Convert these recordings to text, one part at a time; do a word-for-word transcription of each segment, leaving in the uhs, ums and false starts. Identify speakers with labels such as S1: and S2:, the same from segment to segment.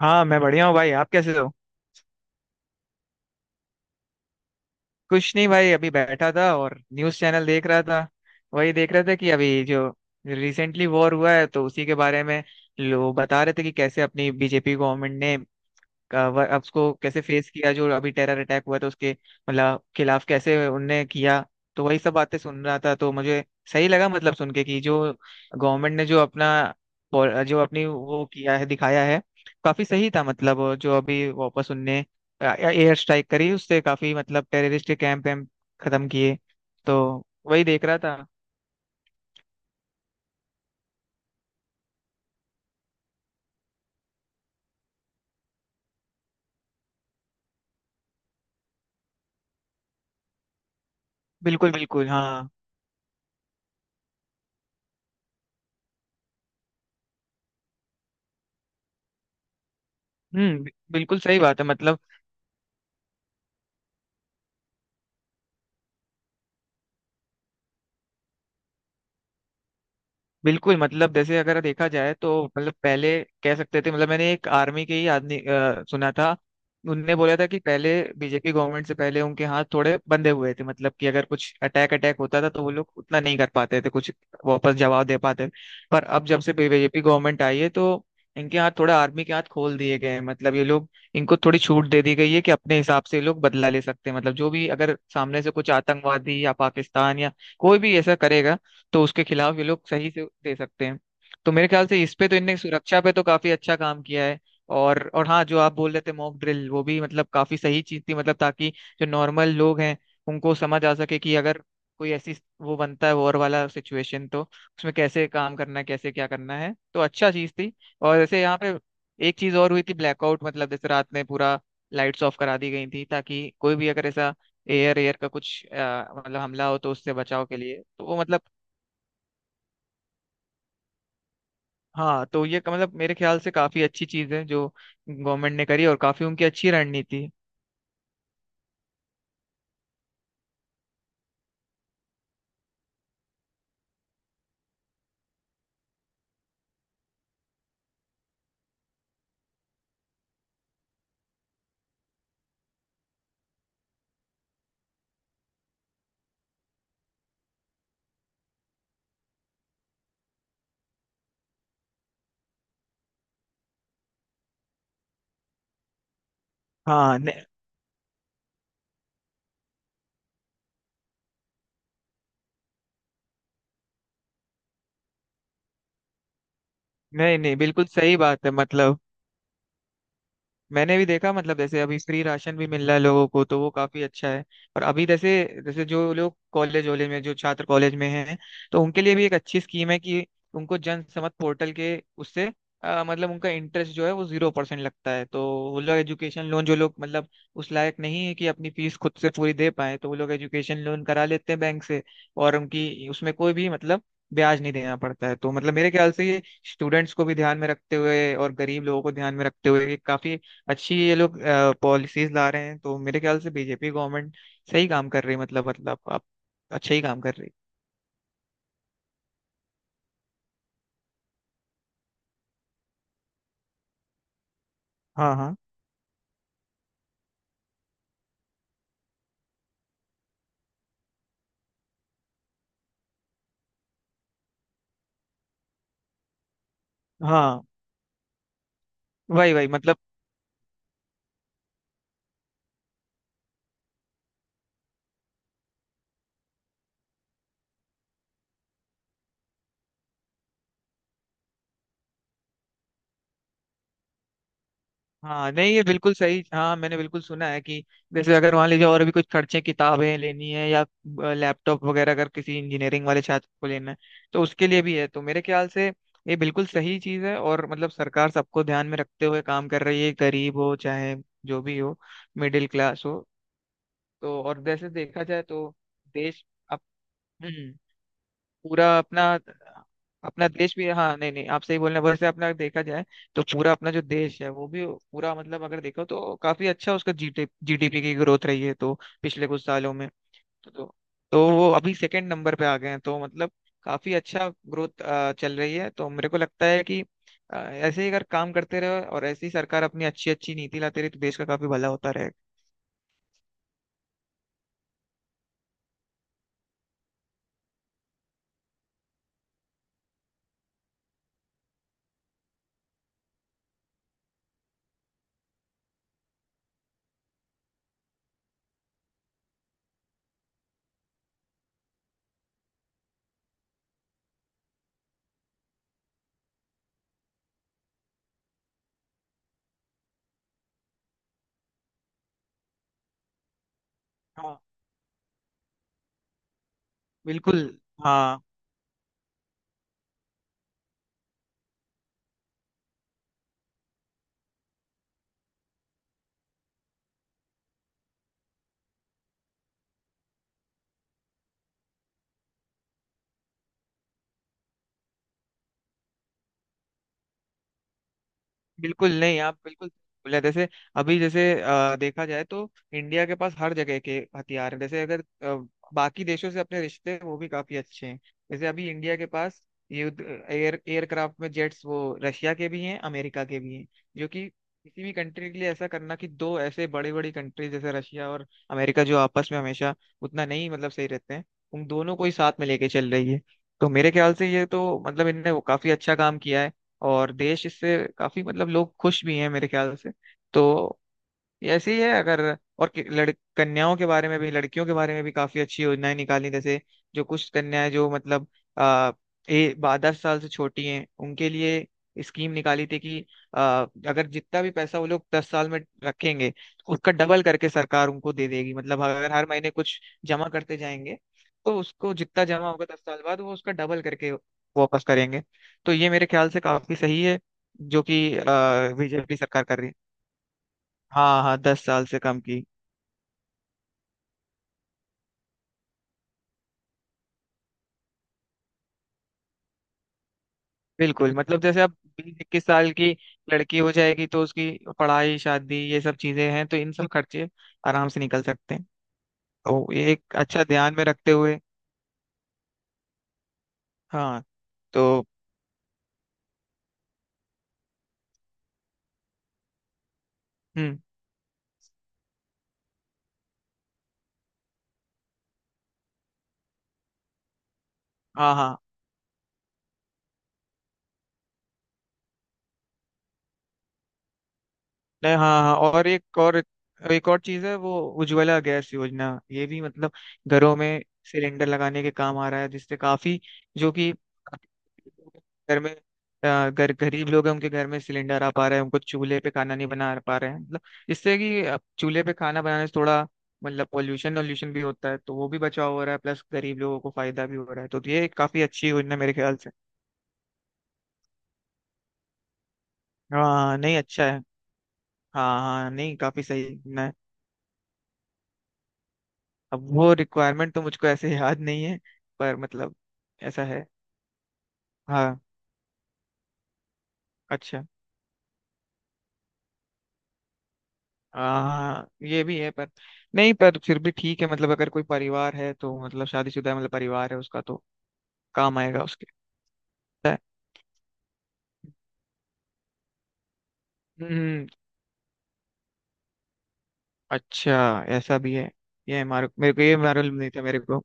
S1: हाँ, मैं बढ़िया हूँ भाई। आप कैसे हो? कुछ नहीं भाई, अभी बैठा था और न्यूज़ चैनल देख रहा था। वही देख रहा था कि अभी जो रिसेंटली वॉर हुआ है तो उसी के बारे में लोग बता रहे थे कि कैसे अपनी बीजेपी गवर्नमेंट ने व- उसको कैसे फेस किया, जो अभी टेरर अटैक हुआ था उसके मतलब खिलाफ कैसे उनने किया। तो वही सब बातें सुन रहा था तो मुझे सही लगा, मतलब सुन के, कि जो गवर्नमेंट ने जो अपना पॉल- जो अपनी वो किया है दिखाया है काफी सही था। मतलब जो अभी वापस उनने एयर स्ट्राइक करी उससे काफी मतलब टेररिस्ट के कैंप वैम्प खत्म किए। तो वही देख रहा था। बिल्कुल बिल्कुल, हाँ। हम्म। बिल्कुल सही बात है मतलब। बिल्कुल, मतलब जैसे अगर देखा जाए तो मतलब पहले कह सकते थे, मतलब मैंने एक आर्मी के ही आदमी अ, सुना था। उनने बोला था कि पहले बीजेपी गवर्नमेंट से पहले उनके हाथ थोड़े बंधे हुए थे, मतलब कि अगर कुछ अटैक अटैक होता था तो वो लोग उतना नहीं कर पाते थे कुछ वापस जवाब दे पाते थे। पर अब जब से बीजेपी गवर्नमेंट आई है तो इनके हाथ थोड़ा आर्मी के हाथ खोल दिए गए हैं, मतलब ये लोग, इनको थोड़ी छूट दे दी गई है कि अपने हिसाब से ये लोग बदला ले सकते हैं, मतलब जो भी अगर सामने से कुछ आतंकवादी या पाकिस्तान या कोई भी ऐसा करेगा तो उसके खिलाफ ये लोग सही से दे सकते हैं। तो मेरे ख्याल से इस पे तो इनने सुरक्षा पे तो काफी अच्छा काम किया है। और और हाँ, जो आप बोल रहे थे मॉक ड्रिल, वो भी मतलब काफी सही चीज थी, मतलब ताकि जो नॉर्मल लोग हैं उनको समझ आ सके कि अगर कोई ऐसी वो बनता है वॉर वाला सिचुएशन तो उसमें कैसे काम करना है कैसे क्या करना है, तो अच्छा चीज थी। और जैसे यहाँ पे एक चीज और हुई थी, ब्लैकआउट, मतलब जैसे रात में पूरा लाइट्स ऑफ करा दी गई थी ताकि कोई भी अगर ऐसा एयर एयर का कुछ अ, मतलब हमला हो तो उससे बचाव के लिए, तो वो मतलब, हाँ। तो ये मतलब मेरे ख्याल से काफी अच्छी चीज है जो गवर्नमेंट ने करी और काफी उनकी अच्छी रणनीति है। हाँ, नहीं नहीं नहीं, बिल्कुल सही बात है मतलब। मैंने भी देखा, मतलब जैसे अभी फ्री राशन भी मिल रहा है लोगों को तो वो काफी अच्छा है। और अभी जैसे जैसे जो लोग कॉलेज वॉलेज में, जो छात्र कॉलेज में हैं, तो उनके लिए भी एक अच्छी स्कीम है कि उनको जन समत पोर्टल के उससे अ, मतलब उनका इंटरेस्ट जो है वो जीरो परसेंट लगता है। तो वो लोग एजुकेशन लोन, जो लोग मतलब उस लायक नहीं है कि अपनी फीस खुद से पूरी दे पाए, तो वो लोग एजुकेशन लोन करा लेते हैं बैंक से, और उनकी उसमें कोई भी मतलब ब्याज नहीं देना पड़ता है। तो मतलब मेरे ख्याल से ये स्टूडेंट्स को भी ध्यान में रखते हुए और गरीब लोगों को ध्यान में रखते हुए ये काफी अच्छी ये लोग पॉलिसीज ला रहे हैं। तो मेरे ख्याल से बीजेपी गवर्नमेंट सही काम कर रही है, मतलब मतलब आप, अच्छा ही काम कर रही है। हाँ हाँ हाँ। वही वही मतलब, हाँ नहीं ये बिल्कुल सही, हाँ मैंने बिल्कुल सुना है कि जैसे अगर मान लीजिए और भी कुछ खर्चे, किताबें लेनी है या लैपटॉप वगैरह अगर किसी इंजीनियरिंग वाले छात्र को लेना है तो उसके लिए भी है। तो मेरे ख्याल से ये बिल्कुल सही चीज है और मतलब सरकार सबको ध्यान में रखते हुए काम कर रही है, गरीब हो चाहे जो भी हो, मिडिल क्लास हो। तो और वैसे देखा जाए तो देश अप, हम्म, पूरा अपना अपना देश भी, हाँ नहीं नहीं, आप सही बोल रहे हैं। वैसे अपना देखा जाए तो पूरा अपना जो देश है वो भी पूरा मतलब अगर देखो तो काफी अच्छा उसका जीडी जीडीपी की ग्रोथ रही है तो, पिछले कुछ सालों में। तो तो वो अभी सेकंड नंबर पे आ गए हैं, तो मतलब काफी अच्छा ग्रोथ चल रही है। तो मेरे को लगता है कि अ, ऐसे ही अगर काम करते रहे और ऐसी सरकार अपनी अच्छी अच्छी नीति लाती रही तो देश का काफी भला होता रहेगा। हाँ बिल्कुल, हाँ। बिल्कुल, नहीं आप बिल्कुल बोले। जैसे अभी जैसे अ, देखा जाए तो इंडिया के पास हर जगह के हथियार हैं। जैसे अगर अ, बाकी देशों से अपने रिश्ते हैं, वो भी काफी अच्छे हैं। जैसे अभी इंडिया के पास युद्ध एयर एयरक्राफ्ट में जेट्स, वो रशिया के भी हैं, अमेरिका के भी हैं, जो कि किसी भी कंट्री के लिए ऐसा करना कि दो ऐसे बड़ी बड़ी कंट्री जैसे रशिया और अमेरिका जो आपस में हमेशा उतना नहीं मतलब सही रहते हैं, उन दोनों को ही साथ में लेके चल रही है। तो मेरे ख्याल से ये तो मतलब इनने वो काफी अच्छा काम किया है और देश इससे काफी मतलब लोग खुश भी हैं मेरे ख्याल से। तो ये ऐसे ही है, अगर और कि- लड़ कन्याओं के बारे में भी, लड़कियों के बारे में भी काफी अच्छी योजनाएं निकाली। जैसे जो कुछ कन्याएं जो मतलब आ, ए, बा- दस साल से छोटी हैं उनके लिए स्कीम निकाली थी कि आ, अगर जितना भी पैसा वो लोग दस साल में रखेंगे उसका डबल करके सरकार उनको दे देगी, मतलब अगर हर महीने कुछ जमा करते जाएंगे तो उसको जितना जमा होगा दस साल बाद वो उसका डबल करके वापस करेंगे। तो ये मेरे ख्याल से काफी सही है जो कि बीजेपी सरकार कर रही है। हाँ हाँ, दस साल से कम की। बिल्कुल मतलब, जैसे अब बीस इक्कीस साल की लड़की हो जाएगी तो उसकी पढ़ाई शादी ये सब चीजें हैं तो इन सब खर्चे आराम से निकल सकते हैं। तो ये एक अच्छा, ध्यान में रखते हुए। हाँ। तो हम्म, हाँ हाँ, नहीं, हाँ हाँ, और एक और एक और चीज है, वो उज्ज्वला गैस योजना। ये भी मतलब घरों में सिलेंडर लगाने के काम आ रहा है, जिससे काफी, जो कि घर में अ, गर, गरीब लोग हैं उनके घर में सिलेंडर आ पा रहे हैं, उनको चूल्हे पे खाना नहीं बना पा रहे हैं, मतलब इससे, कि अब चूल्हे पे खाना बनाने से थोड़ा मतलब पोल्यूशन वोल्यूशन भी होता है तो वो भी बचाव हो रहा है, प्लस गरीब लोगों को फायदा भी हो रहा है। तो ये एक काफी अच्छी योजना मेरे ख्याल से। हाँ हाँ, नहीं अच्छा है। हाँ हाँ, नहीं काफी सही है। अब वो रिक्वायरमेंट तो मुझको ऐसे याद नहीं है, पर मतलब ऐसा है। हाँ, अच्छा। हाँ ये भी है, पर नहीं पर फिर भी ठीक है, मतलब अगर कोई परिवार है तो मतलब शादीशुदा है मतलब परिवार है उसका, तो काम आएगा उसके। पता है? हम्म। अच्छा, ऐसा भी है। ये हमारे, मेरे को ये मालूम नहीं था मेरे को।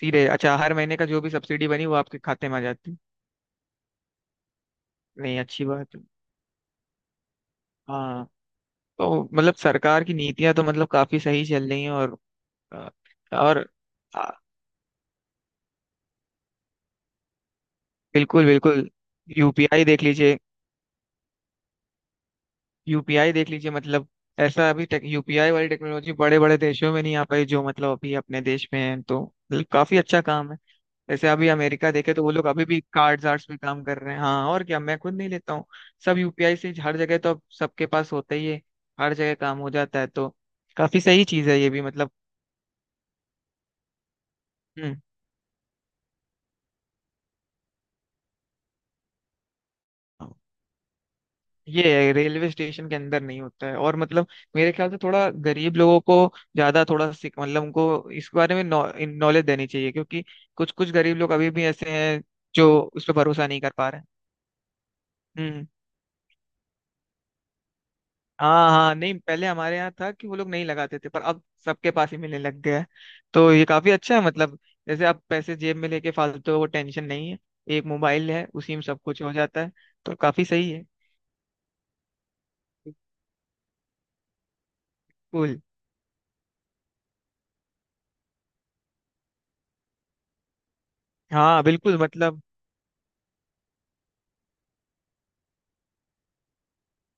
S1: सीधे अच्छा, हर महीने का जो भी सब्सिडी बनी वो आपके खाते में आ जाती। नहीं अच्छी बात है। हाँ, तो मतलब सरकार की नीतियां तो मतलब काफी सही चल रही हैं। और और बिल्कुल बिल्कुल, यूपीआई देख लीजिए। यूपीआई देख लीजिए मतलब ऐसा अभी टेक, यूपीआई वाली टेक्नोलॉजी बड़े बड़े देशों में नहीं आ पाई जो मतलब अभी अपने देश में है, तो मतलब काफी अच्छा काम है। जैसे अभी अमेरिका देखे तो वो लोग अभी भी कार्ड्स आर्ट्स पे काम कर रहे हैं। हाँ और क्या, मैं खुद नहीं लेता हूँ, सब यूपीआई से। हर जगह तो अब सबके पास होता ही है, हर जगह काम हो जाता है तो काफी सही चीज है ये भी मतलब। हम्म। ये रेलवे स्टेशन के अंदर नहीं होता है, और मतलब मेरे ख्याल से थोड़ा गरीब लोगों को ज्यादा थोड़ा सीख, मतलब उनको इस बारे में नॉलेज देनी चाहिए क्योंकि कुछ कुछ गरीब लोग अभी भी ऐसे हैं जो उस पर भरोसा नहीं कर पा रहे हैं। हम्म। हाँ हाँ, नहीं पहले हमारे यहाँ था कि वो लोग नहीं लगाते थे पर अब सबके पास ही मिलने लग गया है। तो ये काफी अच्छा है, मतलब जैसे आप पैसे जेब में लेके फालतू वो टेंशन नहीं है, एक मोबाइल है उसी में सब कुछ हो जाता है। तो काफी सही है। कूल, हाँ बिल्कुल मतलब।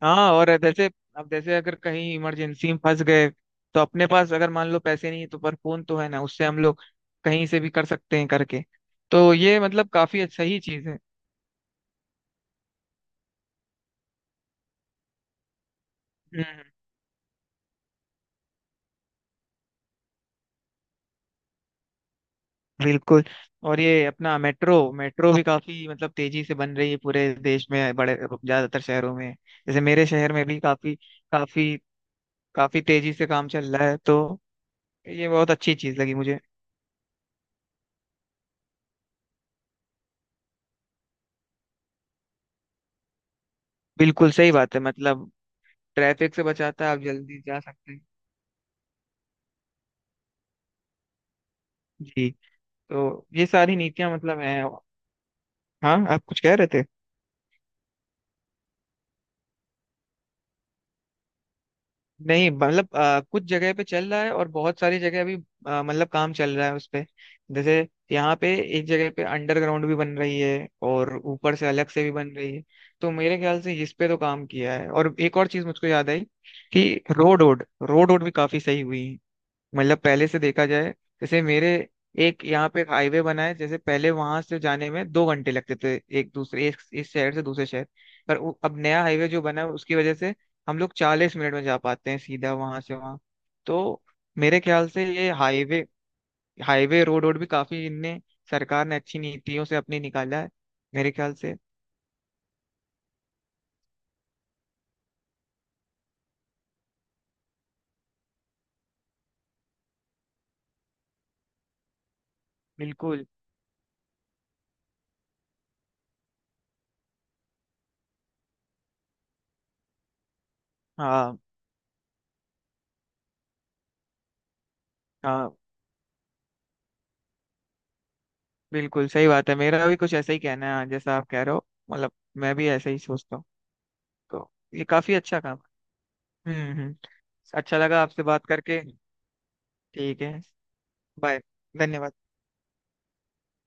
S1: हाँ और जैसे, अब जैसे अगर कहीं इमरजेंसी में फंस गए तो अपने पास अगर मान लो पैसे नहीं है तो, पर फोन तो है ना उससे हम लोग कहीं से भी कर सकते हैं करके। तो ये मतलब काफी अच्छा ही चीज है। हम्म। बिल्कुल। और ये अपना मेट्रो मेट्रो भी काफी मतलब तेजी से बन रही है पूरे देश में, बड़े ज्यादातर शहरों में। जैसे मेरे शहर में भी काफी, काफी काफी तेजी से काम चल रहा है। तो ये बहुत अच्छी चीज लगी मुझे। बिल्कुल सही बात है मतलब, ट्रैफिक से बचाता है, आप जल्दी जा सकते हैं। जी, तो ये सारी नीतियां मतलब हैं, हाँ आप कुछ कह रहे थे? नहीं मतलब अ, कुछ जगह पे चल रहा है और बहुत सारी जगह अभी अ, मतलब काम चल रहा है उस पे। जैसे यहाँ पे एक जगह पे अंडरग्राउंड भी बन रही है और ऊपर से अलग से भी बन रही है। तो मेरे ख्याल से इस पे तो काम किया है। और एक और चीज मुझको याद आई, कि रोड रोड रोड रोड भी काफी सही हुई। मतलब पहले से देखा जाए, जैसे मेरे, एक यहाँ पे एक हाईवे बना है, जैसे पहले वहां से जाने में दो घंटे लगते थे एक दूसरे, एक इस शहर से दूसरे शहर, पर उ- अब नया हाईवे जो बना है उसकी वजह से हम लोग चालीस मिनट में जा पाते हैं सीधा वहां से वहां। तो मेरे ख्याल से ये हाईवे हाईवे रोड रोड भी काफी इनने, सरकार ने अच्छी नीतियों से अपने निकाला है मेरे ख्याल से। बिल्कुल। हाँ, हाँ बिल्कुल सही बात है, मेरा भी कुछ ऐसा ही कहना है जैसा आप कह रहे हो मतलब, मैं भी ऐसा ही सोचता हूँ। तो ये काफी अच्छा काम। हम्म हम्म अच्छा लगा आपसे बात करके। ठीक है, बाय। धन्यवाद।